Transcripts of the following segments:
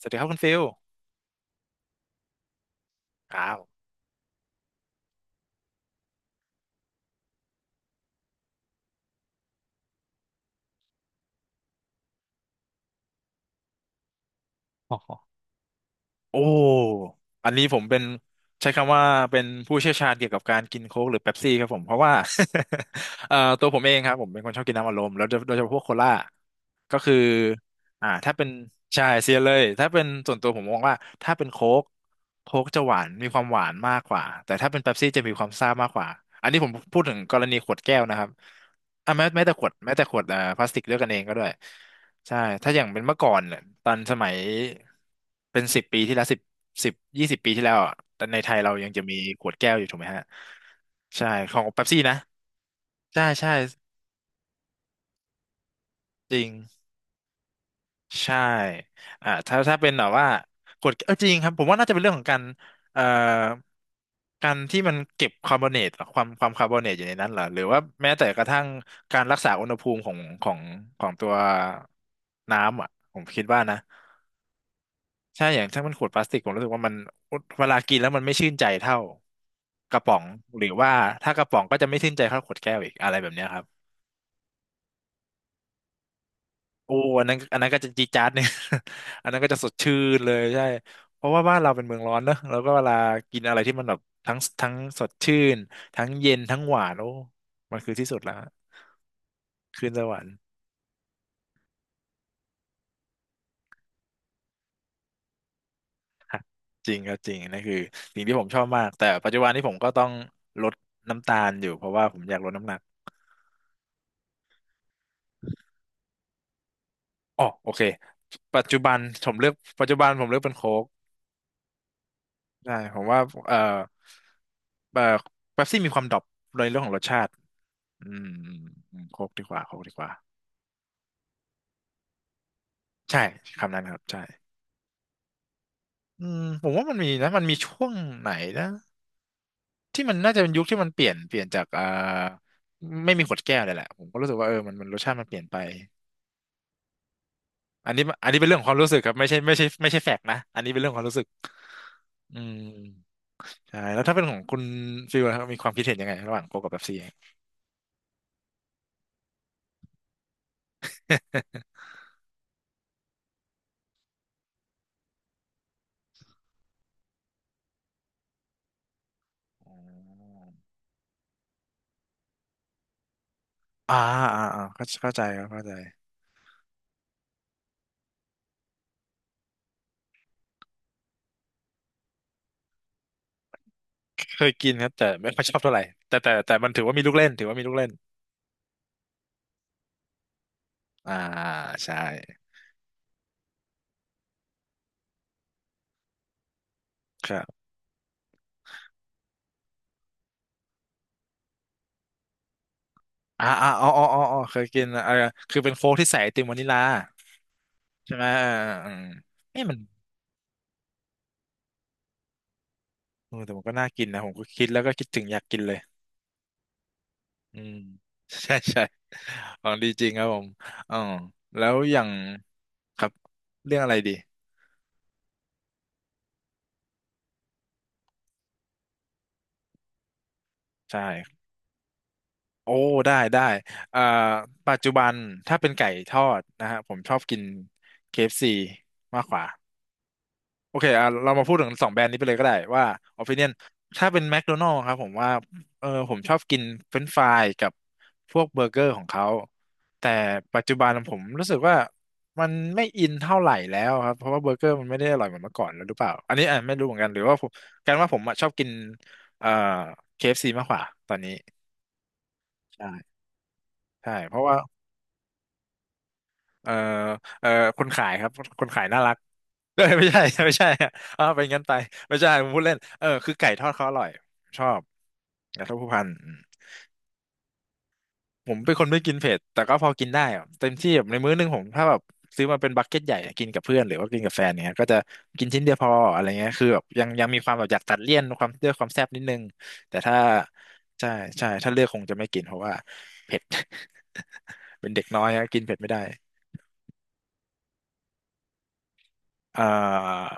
สวัสดีครับคุณฟิลครับอ๋อโอ้อันนี้ผมเป็นใช้คำว่าเป็นผู้เชี่ยวชาญเกี่ยวกับการกินโค้กหรือเป๊ปซี่ครับผมเพราะว่า ตัวผมเองครับผมเป็นคนชอบกินน้ำอัดลมแล้วโดยเฉพาะพวกโคล่าก็คือถ้าเป็นใช่เซียนเลยถ้าเป็นส่วนตัวผมมองว่าถ้าเป็นโค้กโค้กจะหวานมีความหวานมากกว่าแต่ถ้าเป็นเป๊ปซี่จะมีความซ่ามากกว่าอันนี้ผมพูดถึงกรณีขวดแก้วนะครับอ่ะแม้แต่ขวดพลาสติกด้วยกันเองก็ด้วย ใช่ถ้าอย่างเป็นเมื่อก่อนเนี่ยตอนสมัยเป็นสิบปีที่แล้วสิบยี่สิบปีที่แล้วอ่ะแต่ในไทยเรายังจะมีขวดแก้วอยู่ถูกไหมฮะใช่ของเป๊ปซี่นะ ใช่ใช่จริงใช่อ่าถ้าเป็นแบบว่ากดเออจริงครับผมว่าน่าจะเป็นเรื่องของการเอ่อการที่มันเก็บคาร์บอเนตความคาร์บอเนตอยู่ในนั้นเหรอ หรือว่าแม้แต่กระทั่งการรักษาอุณหภูมิของของตัวน้ำอ่ะผมคิดว่านะ ใช่อย่างถ้ามันขวดพลาสติกผมรู้สึกว่ามันเวลากินแล้วมันไม่ชื่นใจเท่ากระป๋องหรือว่าถ้ากระป๋องก็จะไม่ชื่นใจเท่าขวดแก้วอีกอะไรแบบเนี้ยครับโอ้อันนั้นก็จะจี๊ดจ๊าดเนี่ย อันนั้นก็จะสดชื่นเลยใช่เพราะว่าบ้านเราเป็นเมืองร้อนเนอะแล้วก็เวลากินอะไรที่มันแบบทั้งสดชื่นทั้งเย็นทั้งหวานโอ้มันคือที่สุดแล้วขึ้นสวรรค์ ฮะจริงครับจริงนั่นคือสิ่งที่ผมชอบมากแต่ปัจจุบันนี้ผมก็ต้องลดน้ำตาลอยู่เพราะว่าผมอยากลดน้ำหนัก อ๋อโอเคปัจจุบันผมเลือกปัจจุบันผมเลือกเป็นโค้กใช่ผมว่าเอ่อเอ่อเป๊ปซี่มีความดรอปในเรื่องของรสชาติอืมอืมอืมโค้กดีกว่าใช่คำนั้นครับใช่อืมผมว่ามันมีนะมันมีช่วงไหนนะที่มันน่าจะเป็นยุคที่มันเปลี่ยนจากไม่มีขวดแก้วเลยแหละผมก็รู้สึกว่าเออมันมันรสชาติมันเปลี่ยนไปอันนี้เป็นเรื่องของความรู้สึกครับไม่ใช่แฟกต์นะอันนี้เป็นเรื่องของความรู้สึกอืมใช่แล้วถ้าเป็นของคุณฟิลนะครับมีความคิดเห็นยังไงระหว่างโค้กกับเป๊ปซี่ อ่าอ่าอ่าอเข้าเข้าใจครับเข้าใจเคยกินครับแต่ไม่ค่อยชอบเท่าไหร่แต่มันถือว่ามีลูกเล่นถือว่ามีลูกเล่นอ่าใช่ครับอ่าอ่าอ๋ออ๋ออ๋ออ๋อเคยกินอ่าคือเป็นโค้กที่ใส่ไอติมวานิลลาใช่ไหมเออเออเออเอ๊ะมันเออแต่มันก็น่ากินนะผมก็คิดแล้วก็คิดถึงอยากกินเลยอืม ใช่ใช่ของดีจริงครับผมอ๋อแล้วอย่างครับเรื่องอะไรดีใช่ โอ้ได้ได้เอ่อปัจจุบันถ้าเป็นไก่ทอดนะฮะผมชอบกิน KFC มากกว่าโอเคอ่ะเรามาพูดถึงสองแบรนด์นี้ไปเลยก็ได้ว่า opinion ถ้าเป็นแม d โดนัล s ครับผมว่าเออผมชอบกินเฟรนช์ฟรายกับพวกเบอร์เกอร์ของเขาแต่ปัจจุบันผมรู้สึกว่ามันไม่อินเท่าไหร่แล้วครับเพราะว่าเบอร์เกอร์มันไม่ได้อร่อยเหมือนเมื่อก่อนแล้วหรือเปล่าอันนี้อ่ะไม่รู้เหมือนกันหรือว่าผมกันว่าผมอ่ะชอบกินเอ่อเคเอฟซีมากกว่าตอนนี้ใช่ใช่เพราะว่า เอ่อเอ่อคนขายครับคนขายน่ารัก เอ้ยไม่ใช่ไม่ใช่อะอ้าวไปงั้นไปไม่ใช่ผมพูดเล่นเออคือไก่ทอดเขาอร่อยชอบไก่ทอดผู้พันอืมผมเป็นคนไม่กินเผ็ดแต่ก็พอกินได้อะเต็มที่แบบในมื้อหนึงผมถ้าแบบซื้อมาเป็นบักเก็ตใหญ่อะกินกับเพื่อนหรือว่ากินกับแฟนเนี้ยก็จะกินชิ้นเดียวพออะไรเงี้ยคือแบบยังมีความแบบอยากตัดเลี่ยนความเลือกความแซ่บนิดนึงแต่ถ้าใช่ใช่ถ้าเลือกคงจะไม่กินเพราะว่าเผ็ด เป็นเด็กน้อยฮะกินเผ็ดไม่ได้ เอ่อ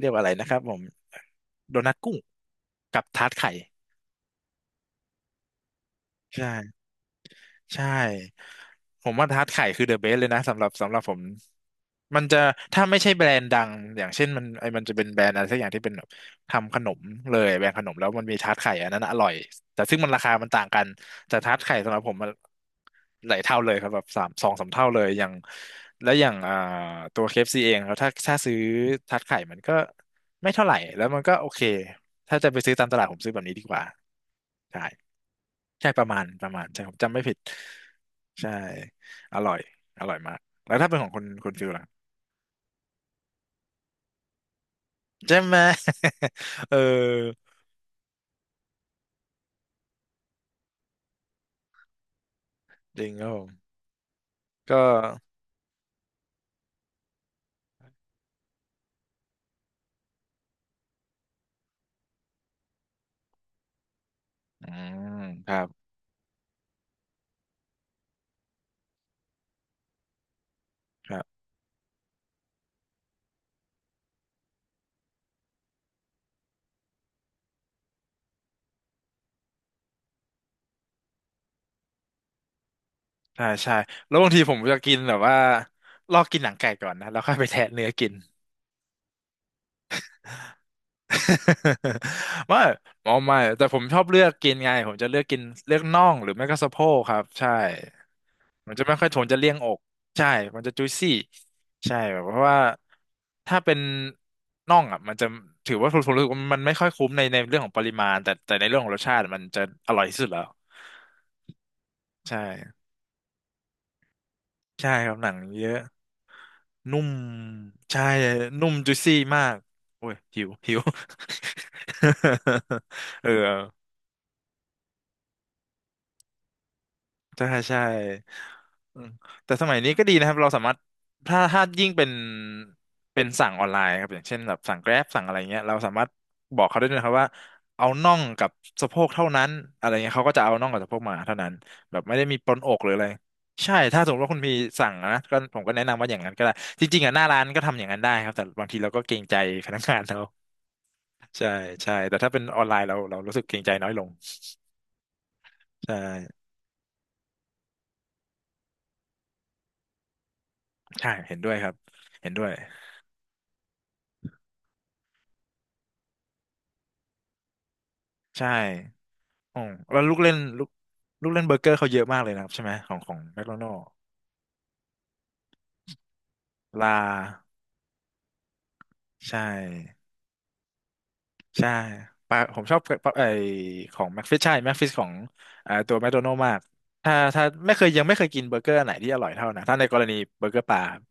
เรียกว่าอะไรนะครับผมโดนัทกุ้งกับทาร์ตไข่ใช่ ใช่ผมว่าทาร์ตไข่คือเดอะเบสเลยนะสำหรับผมมันจะถ้าไม่ใช่แบรนด์ดังอย่างเช่นมันจะเป็นแบรนด์อะไรสักอย่างที่เป็นแบบทำขนมเลยแบรนด์ขนมแล้วมันมีทาร์ตไข่อันนั้นอร่อยแต่ซึ่งมันราคามันต่างกันแต่ทาร์ตไข่สำหรับผมมันหลายเท่าเลยครับแบบสามเท่าเลยอย่างแล้วอย่างตัวเคเอฟซีเองครับถ้าซื้อทาร์ตไข่มันก็ไม่เท่าไหร่แล้วมันก็โอเค ถ้าจะไปซื้อตามตลาดผมซื้อแบบนี้ดีกว่าใช่ใช่ประมาณใช่ผมจำไม่ผิดใช่อร่อยอร่อยมากแล้วถ้าเป็นของคุณฟิลล่ะใช่ไหม เออจริงครับผมก็อืมครับครับใช่ใช่แล้วบางทีผมจะกินแบบว่าลอกกินหนังไก่ก่อนนะแล้วค่อยไปแทะเนื้อกิน ไม่อ๋อไม่แต่ผมชอบเลือกกินไงผมจะเลือกกินเลือกน่องหรือไม่ก็สะโพกครับใช่ มันจะไม่ค่อยโทนจะเลี่ยงอกใช่ มันจะจุยซี่ใช่แบบเพราะว่าถ้าเป็นน่องอ่ะมันจะถือว่าผมรู้สึกว่ามันไม่ค่อยคุ้มในเรื่องของปริมาณแต่ในเรื่องของรสชาติมันจะอร่อยที่สุดแล้วใช่ใช่ครับหนังเยอะนุ่มใช่นุ่มจุยซี่มากโอ้ยหิวหิว เออใช่ใช่ อืมแต่สมัยนี้ก็ดีนะครับเราสามารถถ้ายิ่งเป็นสั่งออนไลน์ครับอย่างเช่นแบบสั่ง Grab สั่งอะไรเงี้ยเราสามารถบอกเขาได้ด้วยนะครับว่าเอาน่องกับสะโพกเท่านั้นอะไรเงี้ยเขาก็จะเอาน่องกับสะโพกมาเท่านั้นแบบไม่ได้มีปนอกหรืออะไรใช่ถ้าสมมติว่าคุณพีสั่งนะก็ผมก็แนะนำว่าอย่างนั้นก็ได้จริงๆอ่ะหน้าร้านก็ทำอย่างนั้นได้ครับแต่บางทีเราก็เกรงใจพนักงานเรา ใช่ใช่แต่ถ้าเป็นออนไลน์เรารู้สึกเกรงใจน้อยลงใช่ใช่เห็นด้วยครับเห็นด้วยใช่ อ๋อแล้วลูกเล่นลูกเล่นเบอร์เกอร์เขาเยอะมากเลยนะครับใช่ไหมของแมคโดนัลด์ลาใช่ใช่ปลาผมชอบปลาไอของแม็กฟิชใช่แม็กฟิชของอ่าตัวแมคโดนัลด์มากถ้าไม่เคยยังไม่เคยกินเบอร์เกอร์อันไหนที่อร่อยเท่านะถ้าในกรณีเบอร์เกอร์ปลาครับ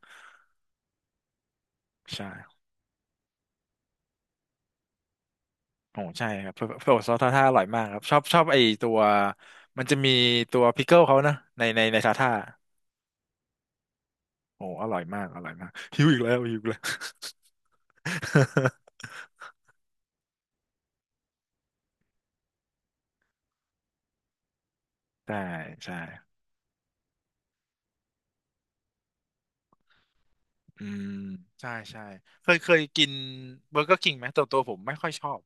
ใช่โอ้ใช่ครับเพื่อซอสทาท่าอร่อยมากครับชอบไอตัวมันจะมีตัวพิกเกิลเขานะในทาท่าโอ้อร่อยมากอร่อยมากหิวอีกแล้วหิวอีกแล้ว ใช่ใช่ อืมใช่ใช่เคยกินเบอร์เกอร์คิงไหมตัวตัวผมไม่ค่อยชอบ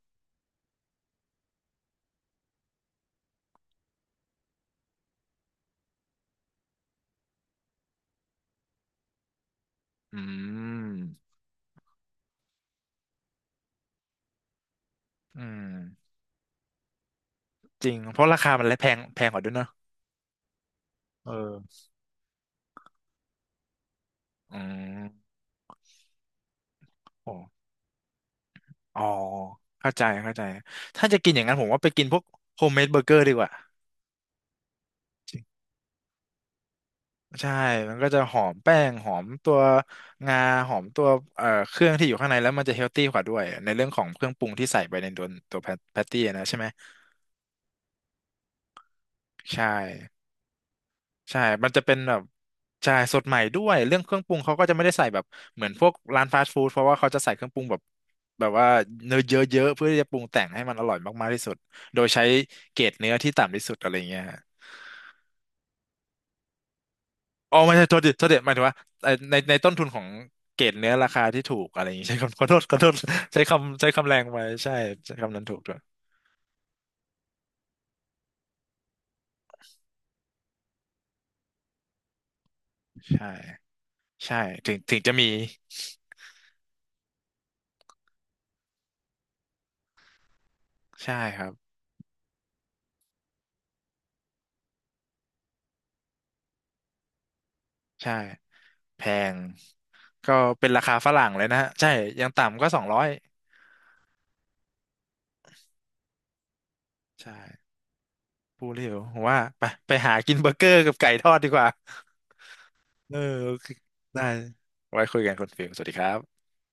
อืมอืมจริงเพราะราคามันและแพงกว่าด้วยเนอะเอออืมโอ้อ๋อเข้าใจเข้าใจถ้าจะกินอย่างนั้นผมว่าไปกินพวกโฮมเมดเบอร์เกอร์ดีกว่าจริงใช่มันก็จะหอมแป้งหอมตัวงาหอมตัวเครื่องที่อยู่ข้างในแล้วมันจะเฮลตี้กว่าด้วยในเรื่องของเครื่องปรุงที่ใส่ไปในตัวแพตตี้นะใช่ไหมใช่ ใช่ มันจะเป็นแบบใช่สดใหม่ด้วย เรื่องเครื่องปรุงเขาก็จะไม่ได้ใส่แบบเหมือนพวกร้านฟาสต์ฟู้ดเพราะว่าเขาจะใส่เครื่องปรุงแบบว่าเนื้อเยอะๆเพื่อที่จะปรุงแต่งให้มันอร่อยมากๆที่สุดโดยใช้เกรดเนื้อที่ต่ำที่สุดอะไรเงี้ยฮะอ๋อไม่ใช่โทษดิโทษดิหมายถึงว่าในต้นทุนของเกรดเนื้อราคาที่ถูกอะไรอย่างงี้ใช้คำขอโทษขอโทษใช้คำแรงไปใช่ใช้คำนั้นถูกด้วยใช่ใช่ถึงจะมีใช่ครับใช่แพง ก็เป็นราคาฝรั่งเลยนะฮะใช่ยังต่ำก็สองร้อยใช่พูดเร็วผมว่าไปหากินเบอร์เกอร์กับไก่ทอดดีกว่าเออโอเคได้ไว้คุยกันคุณฟิลสวัสดีครับ